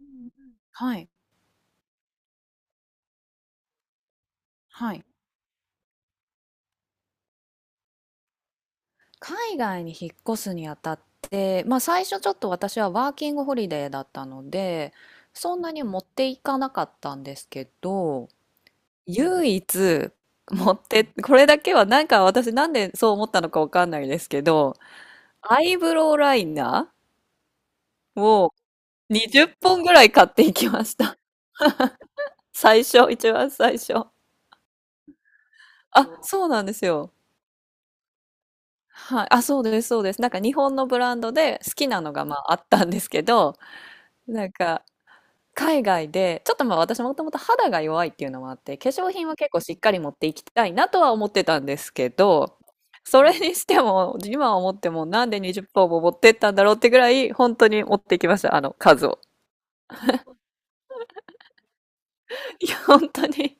うんうん、はい、はい、海外に引っ越すにあたって、まあ、最初ちょっと私はワーキングホリデーだったので、そんなに持っていかなかったんですけど、唯一持って、これだけはなんか、私なんでそう思ったのかわかんないですけど、アイブロウライナーを20本ぐらい買っていきました。 最初、一番最初、あ、そうなんですよ。はい、あ、そうです、そうです。なんか日本のブランドで好きなのがまああったんですけど、なんか海外で、ちょっとまあ私もともと肌が弱いっていうのもあって、化粧品は結構しっかり持っていきたいなとは思ってたんですけど、それにしても、今思ってもなんで20本も持ってったんだろうってぐらい、本当に持ってきました、あの数を。いや、本当に。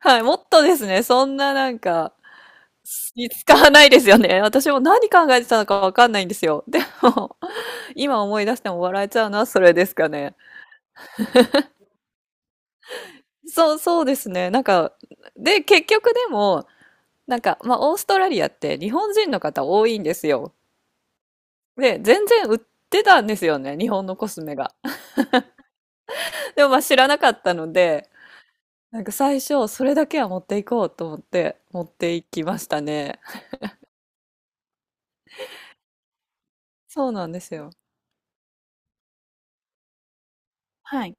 はい、もっとですね、そんな、なんか、使わないですよね。私も何考えてたのかわかんないんですよ。でも、今思い出しても笑えちゃうのはそれですかね。そう、そうですね。なんか、で、結局でも、なんか、まあ、オーストラリアって日本人の方多いんですよ。で、全然売ってたんですよね、日本のコスメが。でもまあ知らなかったので、なんか最初、それだけは持っていこうと思って持っていきましたね。そうなんですよ。はい。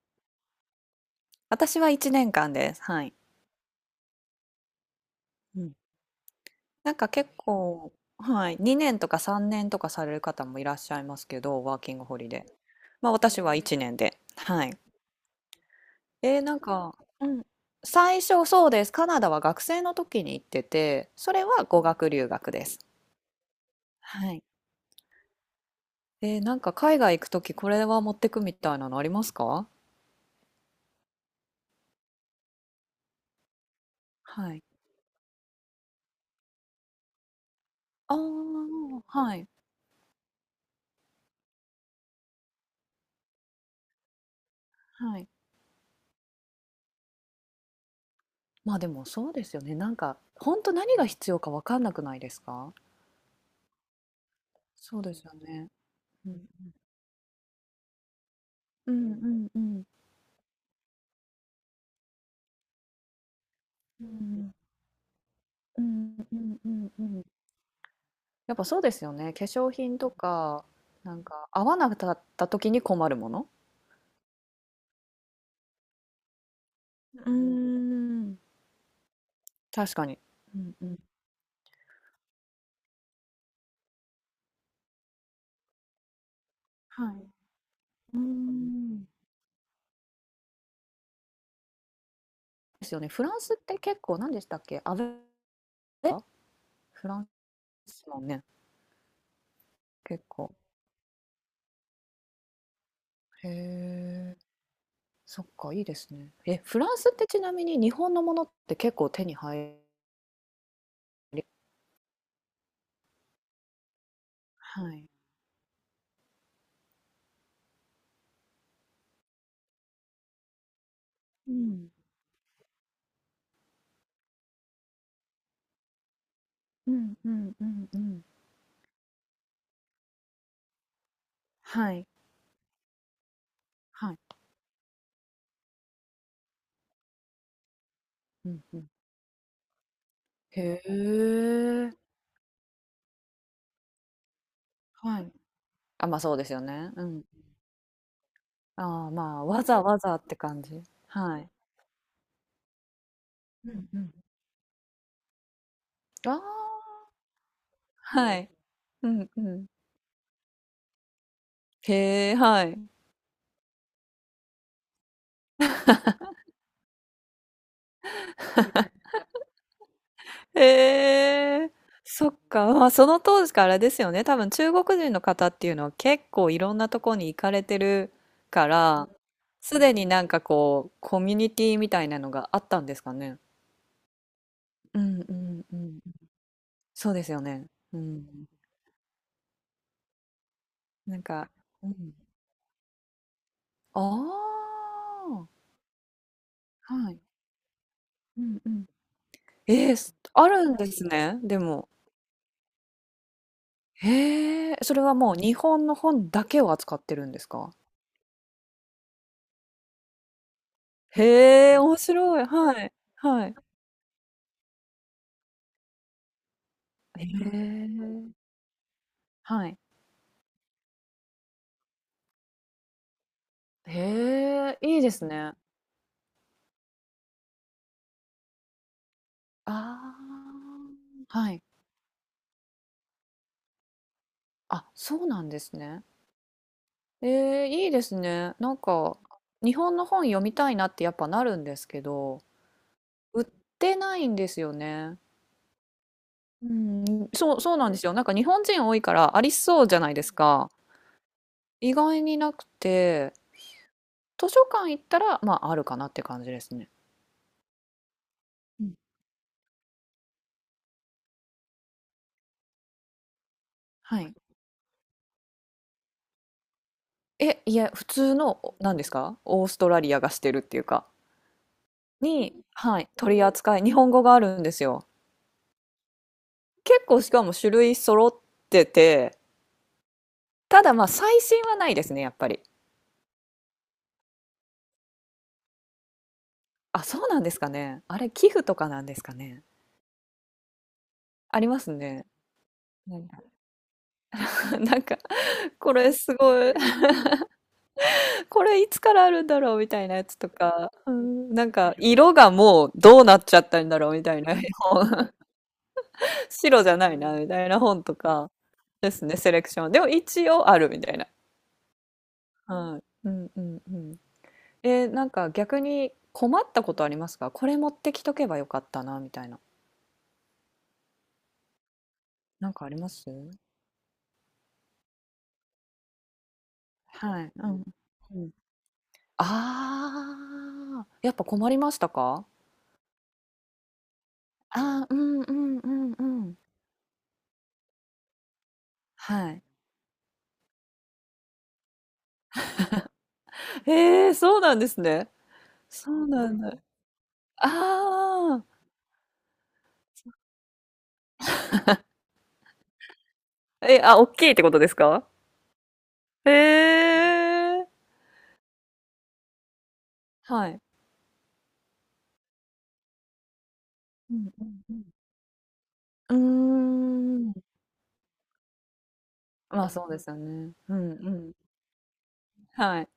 私は1年間です。はい。うん。なんか結構、はい、2年とか3年とかされる方もいらっしゃいますけど、ワーキングホリデー。まあ私は1年で。はい。なんか、うん。最初そうです。カナダは学生の時に行ってて、それは語学留学です。はい。なんか海外行く時これは持ってくみたいなのありますか？はい。ああ、はい。はい。まあでもそうですよね。なんか、本当何が必要かわかんなくないですか？そうですよね。うんうんうんうんうんうんうんうんうんうんうん。やっぱそうですよね。化粧品とか、なんか合わなかった時に困るもの。うーん。確かに。うんうん。はい。うーん。ですよね。フランスって結構何でしたっけ？アベ、え？フランスですもんね、結構。へえ、そっか、いいですね。え、フランスってちなみに日本のものって結構手に入り、はい、うん、うんうんうんうん、はい、はい、うんうん、へえ、はい、あ、ま、そうですよね。うん。ああ、まあ、わざわざって感じ。はい。うんうん。ああ、はい。うんうん。へえ、はい。へえ、そっか。まあ、その当時からですよね、多分中国人の方っていうのは結構いろんなとこに行かれてるから、すでになんかこう、コミュニティみたいなのがあったんですかね。うんうんうん。そうですよね。うん。なんか、うん。ああ、はい。うんうん。ええ、すあるんですね、でも。へえ、それはもう日本の本だけを扱ってるんですか？へえ、面白い。はい。はい。へえ、はい。へえ、いいですね。ああ、はい。あ、そうなんですね。ええ、いいですね。なんか、日本の本読みたいなってやっぱなるんですけど、売ってないんですよね。うん、そうそうなんですよ。なんか日本人多いからありそうじゃないですか。意外になくて、図書館行ったら、まあ、あるかなって感じですね。うん。はい。え、いや、普通の、お、何ですか、オーストラリアがしてるっていうか、に、はい、取り扱い、日本語があるんですよ。結構しかも種類揃ってて、ただまあ、最新はないですね、やっぱり。あ、そうなんですかね。あれ、寄付とかなんですかね。ありますね。なんか、なんか、これすごい。これいつからあるんだろうみたいなやつとか、うん、なんか色がもうどうなっちゃったんだろうみたいな本、白じゃないなみたいな本とかですね、セレクション。でも一応あるみたいな。はい。うんうんうん。なんか逆に困ったことありますか？これ持ってきとけばよかったなみたいな。なんかあります？はい。うん。うん。ああ、やっぱ困りましたか？ああー、うんうんうんうん。はい。ええ、そうなんですね。そうなんだ。ああ。え、あ、おっきいってことですか？へえ。はい。うんうんうん。うーん。まあそうですよね。うんうん。はい。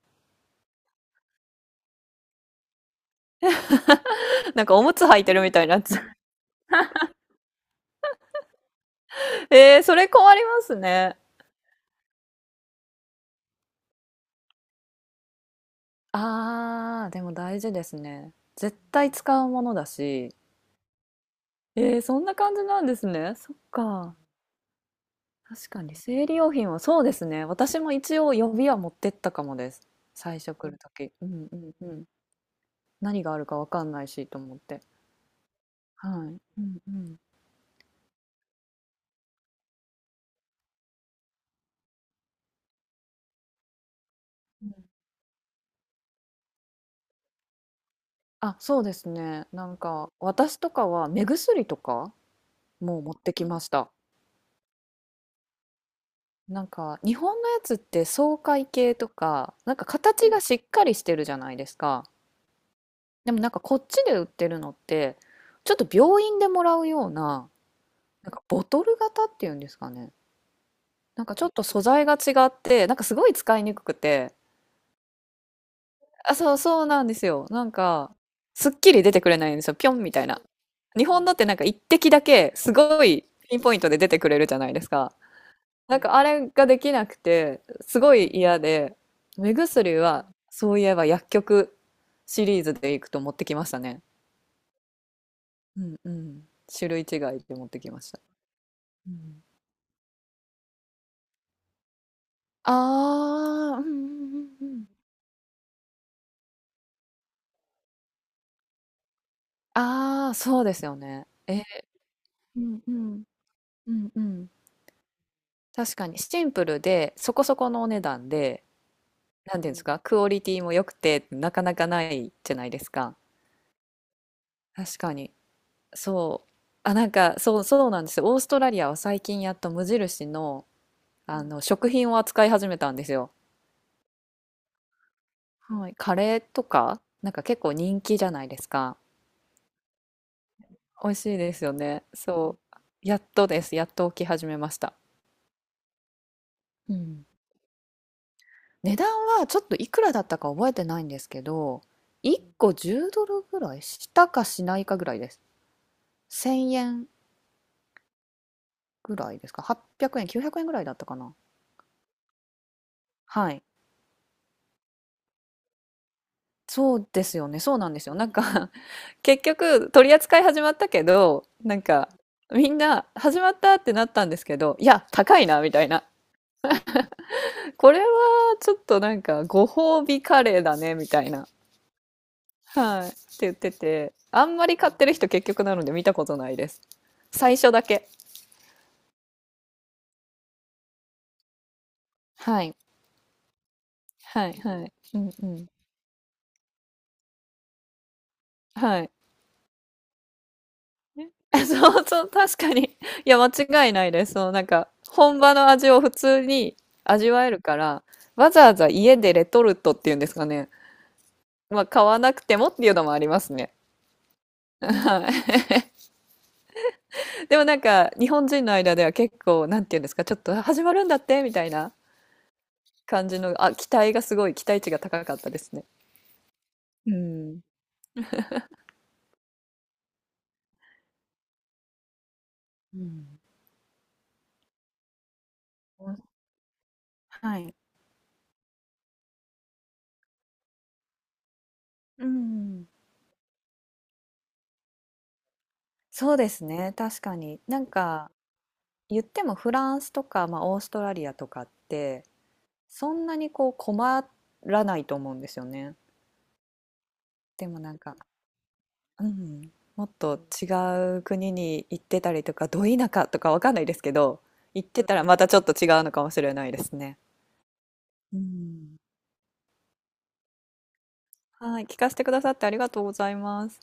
なんかおむつ履いてるみたいになっちゃう。えー、それ困りますね。ああ、でも大事ですね。絶対使うものだし。えー、そんな感じなんですね。そっか。確かに生理用品はそうですね。私も一応予備は持ってったかもです。最初来るとき。うんうんうん。何があるかわかんないしと思って。はい。うんうん。うん。あ、そうですね。なんか、私とかは目薬とかもう持ってきました。なんか、日本のやつって爽快系とか、なんか形がしっかりしてるじゃないですか。でもなんかこっちで売ってるのって、ちょっと病院でもらうような、なんかボトル型っていうんですかね。なんかちょっと素材が違って、なんかすごい使いにくくて、あ、そう、そうなんですよ。なんか、すっきり出てくれないんですよ。ぴょんみたいな。日本のってなんか一滴だけ、すごいピンポイントで出てくれるじゃないですか。なんかあれができなくて、すごい嫌で、目薬は、そういえば薬局シリーズでいくと持ってきましたね。うんうん。種類違いで持ってきました。うん、ああ、うんうんうんうん。ああ、そうですよね。え、うんうん。うんうん。確かにシンプルでそこそこのお値段で、なんていうんですか、クオリティも良くてなかなかないじゃないですか。確かに。そう。あ、なんかそうそうなんですよ。オーストラリアは最近やっと無印の、あの食品を扱い始めたんですよ。はい、カレーとかなんか結構人気じゃないですか。美味しいですよね。そう。やっとです。やっと起き始めました。うん、値段はちょっといくらだったか覚えてないんですけど、1個10ドルぐらいしたかしないかぐらいです。1000円ぐらいですか？ 800 円、900円ぐらいだったかな。はい。そうですよね。そうなんですよ。なんか 結局取り扱い始まったけど、なんかみんな始まったってなったんですけど、いや、高いな、みたいな。これはちょっとなんかご褒美カレーだね、みたいな。はい。って言ってて、あんまり買ってる人結局なので見たことないです。最初だけ。はい。はい、はい。うんうん。はい。そうそう、確かに。いや、間違いないです。そのなんか、本場の味を普通に味わえるから、わざわざ家でレトルトっていうんですかね。まあ、買わなくてもっていうのもありますね。はい。でもなんか、日本人の間では結構、なんていうんですか、ちょっとあ始まるんだってみたいな感じの、あ、期待がすごい、期待値が高かったですね。うん。うん。はい。うん。そうですね、確かに。なんか、言ってもフランスとか、まあ、オーストラリアとかってそんなにこう困らないと思うんですよね。でもなんか、うん、もっと違う国に行ってたりとかど田舎とかわかんないですけど、行ってたらまたちょっと違うのかもしれないですね。うん、はい、聞かせてくださってありがとうございます。